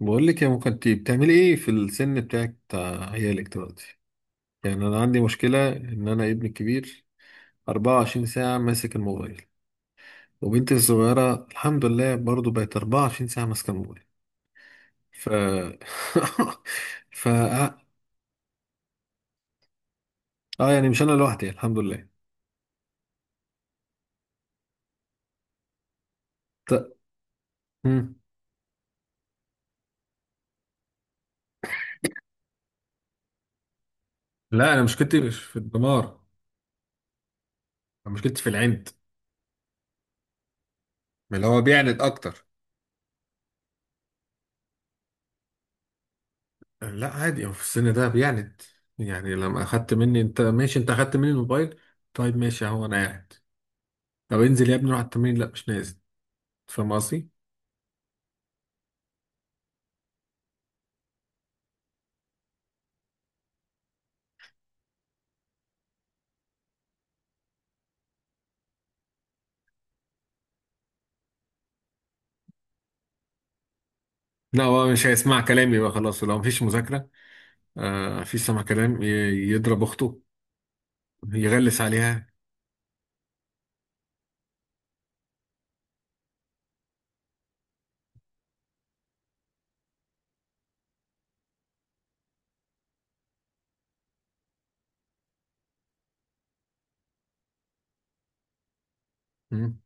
بقول لك يا ممكن انت بتعملي ايه في السن بتاعك بتاع عيالك دلوقتي. يعني انا عندي مشكله ان انا ابني الكبير 24 ساعه ماسك الموبايل، وبنتي الصغيره الحمد لله برضو بقت 24 ساعه ماسكه الموبايل. ف ف اه آه، يعني مش انا لوحدي الحمد لله. ط... مم. لا انا مشكلتي مش في الدمار، انا مشكلتي في العند، اللي هو بيعند اكتر. لا عادي هو في السن ده بيعند، يعني لما اخدت مني انت ماشي، انت اخدت مني الموبايل، طيب ماشي اهو انا قاعد. طب انزل يا ابني روح على التمرين، لا مش نازل. فاهم قصدي؟ لا هو مش هيسمع كلامي بقى خلاص لو مفيش مذاكرة. آه مفيش سمع كلام يضرب أخته، يغلس عليها. مم.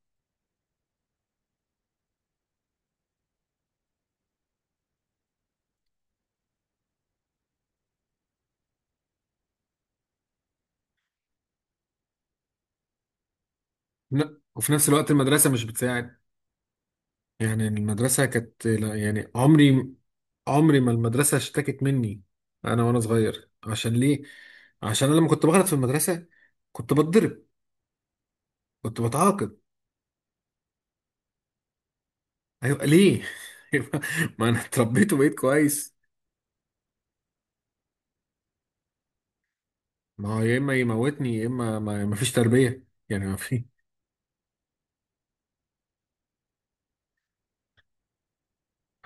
لا وفي نفس الوقت المدرسة مش بتساعد، يعني المدرسة كانت لا، يعني عمري ما المدرسة اشتكت مني أنا وأنا صغير. عشان ليه؟ عشان أنا لما كنت بغلط في المدرسة كنت بتضرب، كنت بتعاقب. أيوة ليه؟ ما أنا اتربيت وبقيت كويس. ما هو يا اما يموتني يا اما ما فيش تربيه، يعني ما في.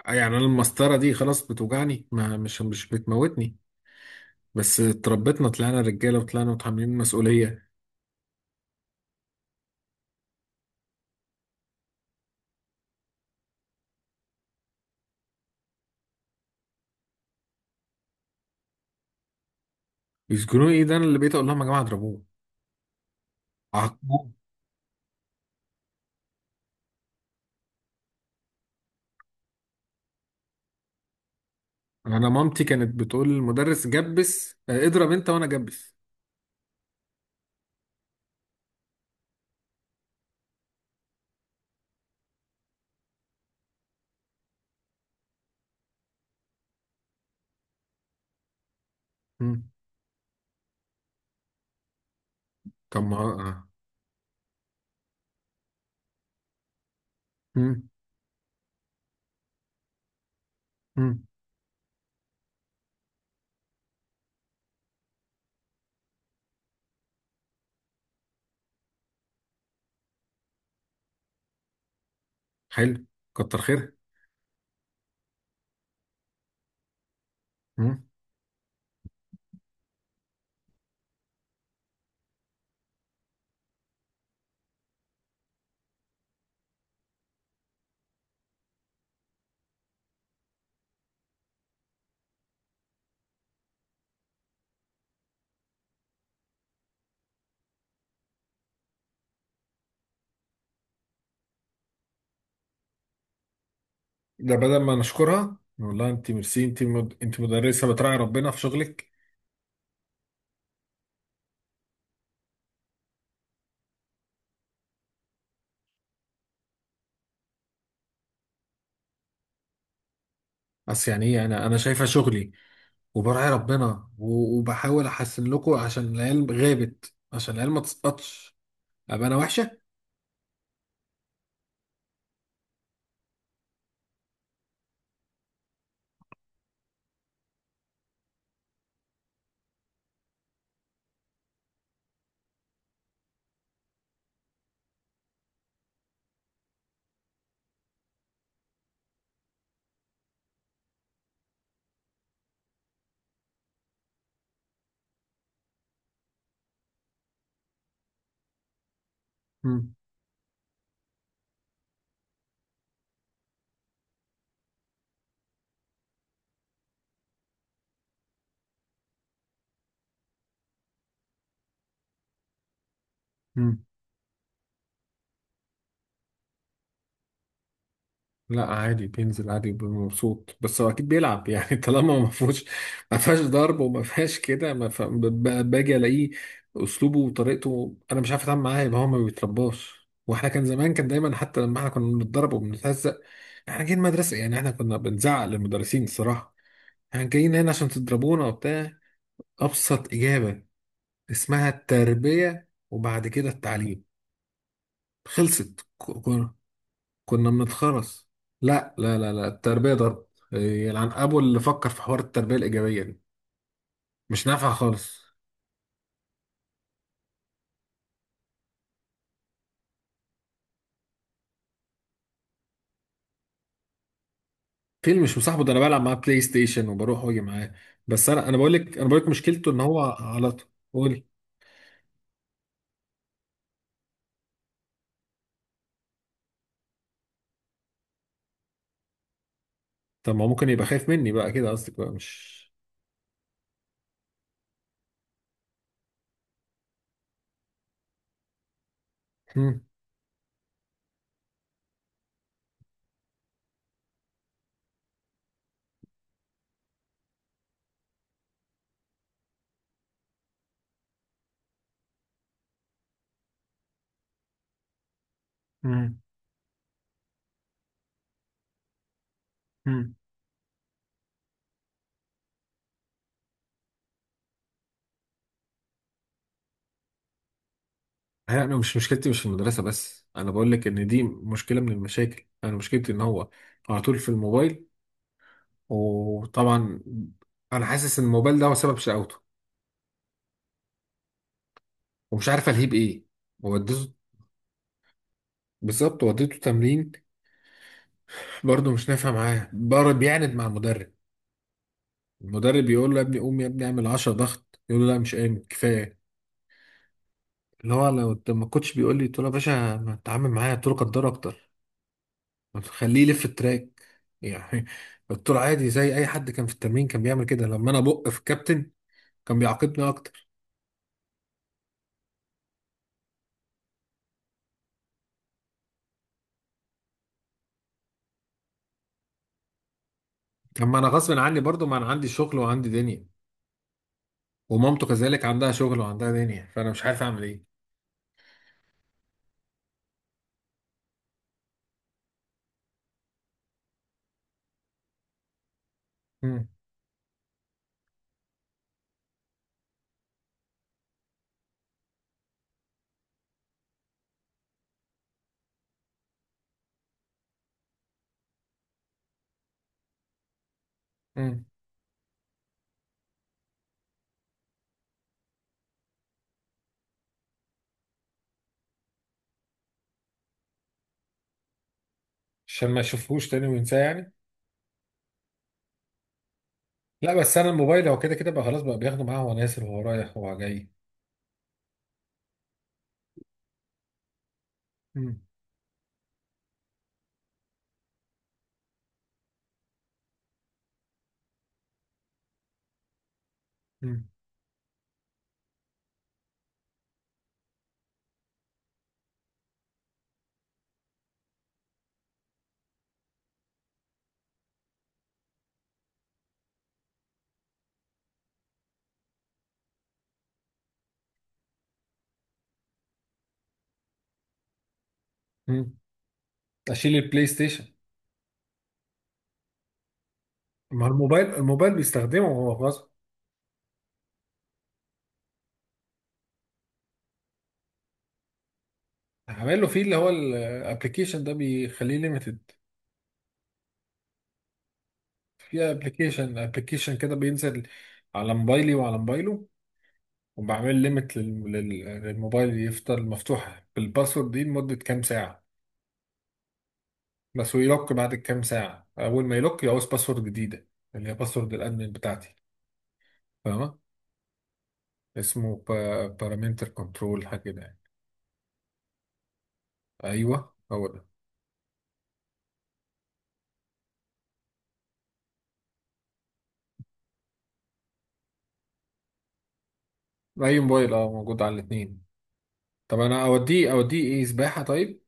يعني انا المسطره دي خلاص بتوجعني، ما مش بتموتني، بس اتربيتنا طلعنا رجاله وطلعنا متحملين المسؤوليه. يسجنوني ايه، ده انا اللي بقيت اقول لهم يا جماعه اضربوه، عاقبوه. انا مامتي كانت بتقول للمدرس جبس، اضرب انت وانا جبس. مم. طب ما آه. مم. مم. حلو، كتر خيرها. مم. ده بدل ما نشكرها، والله انت ميرسي، انت مدرسه بتراعي ربنا في شغلك. اصل يعني ايه، انا شايفه شغلي وبراعي ربنا و- وبحاول احسن لكم، عشان العيال غابت، عشان العيال ما تسقطش ابقى انا وحشه. مم. مم. لا عادي بينزل عادي بيبقى مبسوط، بس هو اكيد بيلعب يعني طالما ما فيهوش ما فيهاش ضرب وما فيهاش كده، ما ف... ب- ب- باجي الاقيه اسلوبه وطريقته، انا مش عارف اتعامل معاه. يبقى هو ما بيترباش، واحنا كان زمان كان دايما حتى لما احنا كنا بنتضرب وبنتهزق، احنا جايين مدرسه، يعني احنا كنا بنزعق للمدرسين الصراحه، احنا جايين هنا عشان تضربونا وبتاع. أبسط إجابة اسمها التربية، وبعد كده التعليم، خلصت. كنا بنتخرس. لا لا لا لا، التربية ضرب. إيه، يلعن أبو اللي فكر في حوار التربية الإيجابية دي، مش نافعة خالص. فيلم مش مصاحبه، ده أنا بلعب معاه بلاي ستيشن وبروح وأجي معاه. بس أنا بقول لك مشكلته إن هو على طول. قولي. طب ما هو ممكن يبقى خايف مني بقى، كده قصدك بقى مش. مم. مم. مم. لا، انا مش، مشكلتي مش في المدرسه، بس انا بقول لك ان دي مشكله من المشاكل، انا مشكلتي ان هو على طول في الموبايل، وطبعا انا حاسس ان الموبايل ده هو سبب شقاوته، ومش عارف الهيه بايه. وديته، بالظبط وديته تمرين، برضه مش نافع معاه، بره بيعند مع المدرب. المدرب يقول له يا ابني، قوم يا ابني اعمل 10 ضغط، يقول له لا مش قايم كفايه. اللي هو لو ما كنتش بيقول لي قلت له يا باشا ما تتعامل معايا، قلت له قدر اكتر، طب خليه يلف التراك يعني، قلت له عادي زي اي حد كان في التمرين كان بيعمل كده، لما انا بق في الكابتن كان بيعاقبني اكتر. طب ما انا غصب عني برضو، ما انا عندي شغل وعندي دنيا، ومامته كذلك عندها شغل وعندها دنيا، فانا مش عارف اعمل ايه. امم. امم. عشان ما اشوفهوش تاني وينساه يعني. لا بس انا الموبايل هو كده كده بقى خلاص، بقى بياخده معاه وهو نازل وهو رايح وهو جاي. امم. امم. امم. اشيل البلاي ستيشن. ما الموبايل بيستخدمه وهو غصب. عامل له فيه اللي هو الابلكيشن ده بيخليه ليميتد، في ابلكيشن كده بينزل على موبايلي وعلى موبايله، وبعمل ليميت للموبايل، يفضل مفتوح بالباسورد دي لمدة كام ساعة بس، ويلوك. بعد كام ساعة أول ما يلوك يعوز باسورد جديدة، اللي هي باسورد الأدمن بتاعتي، فاهمة؟ اسمه بارامتر كنترول حاجة كده يعني. أيوه هو ده. أي موبايل، موجود على الاتنين. طب أنا أوديه إيه، سباحة طيب؟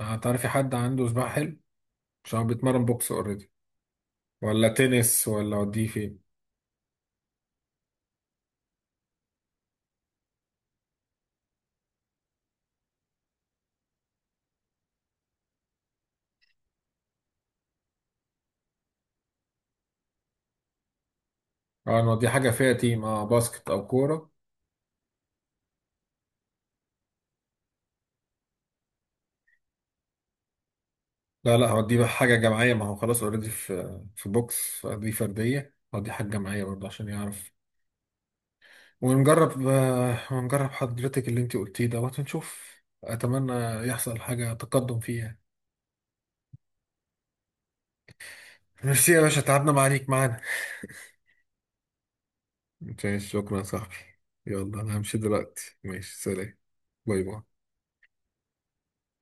هتعرفي حد عنده سباحة؟ حلو، عشان هو بيتمرن بوكس أوريدي. ولا تنس، ولا أوديه فين؟ اه نودي حاجة فيها تيم، باسكت أو كورة. لا لا، هودي بقى حاجة جماعية، ما هو خلاص اوريدي في بوكس فدي فردية، هودي حاجة جماعية برضه عشان يعرف. ونجرب حضرتك اللي انت قلتيه دوت، ونشوف. أتمنى يحصل حاجة تقدم فيها. ميرسي يا باشا، تعبنا معاك معانا. ماشي شكرا يا صاحبي. يلا أنا همشي دلوقتي، ماشي سلام. باي باي.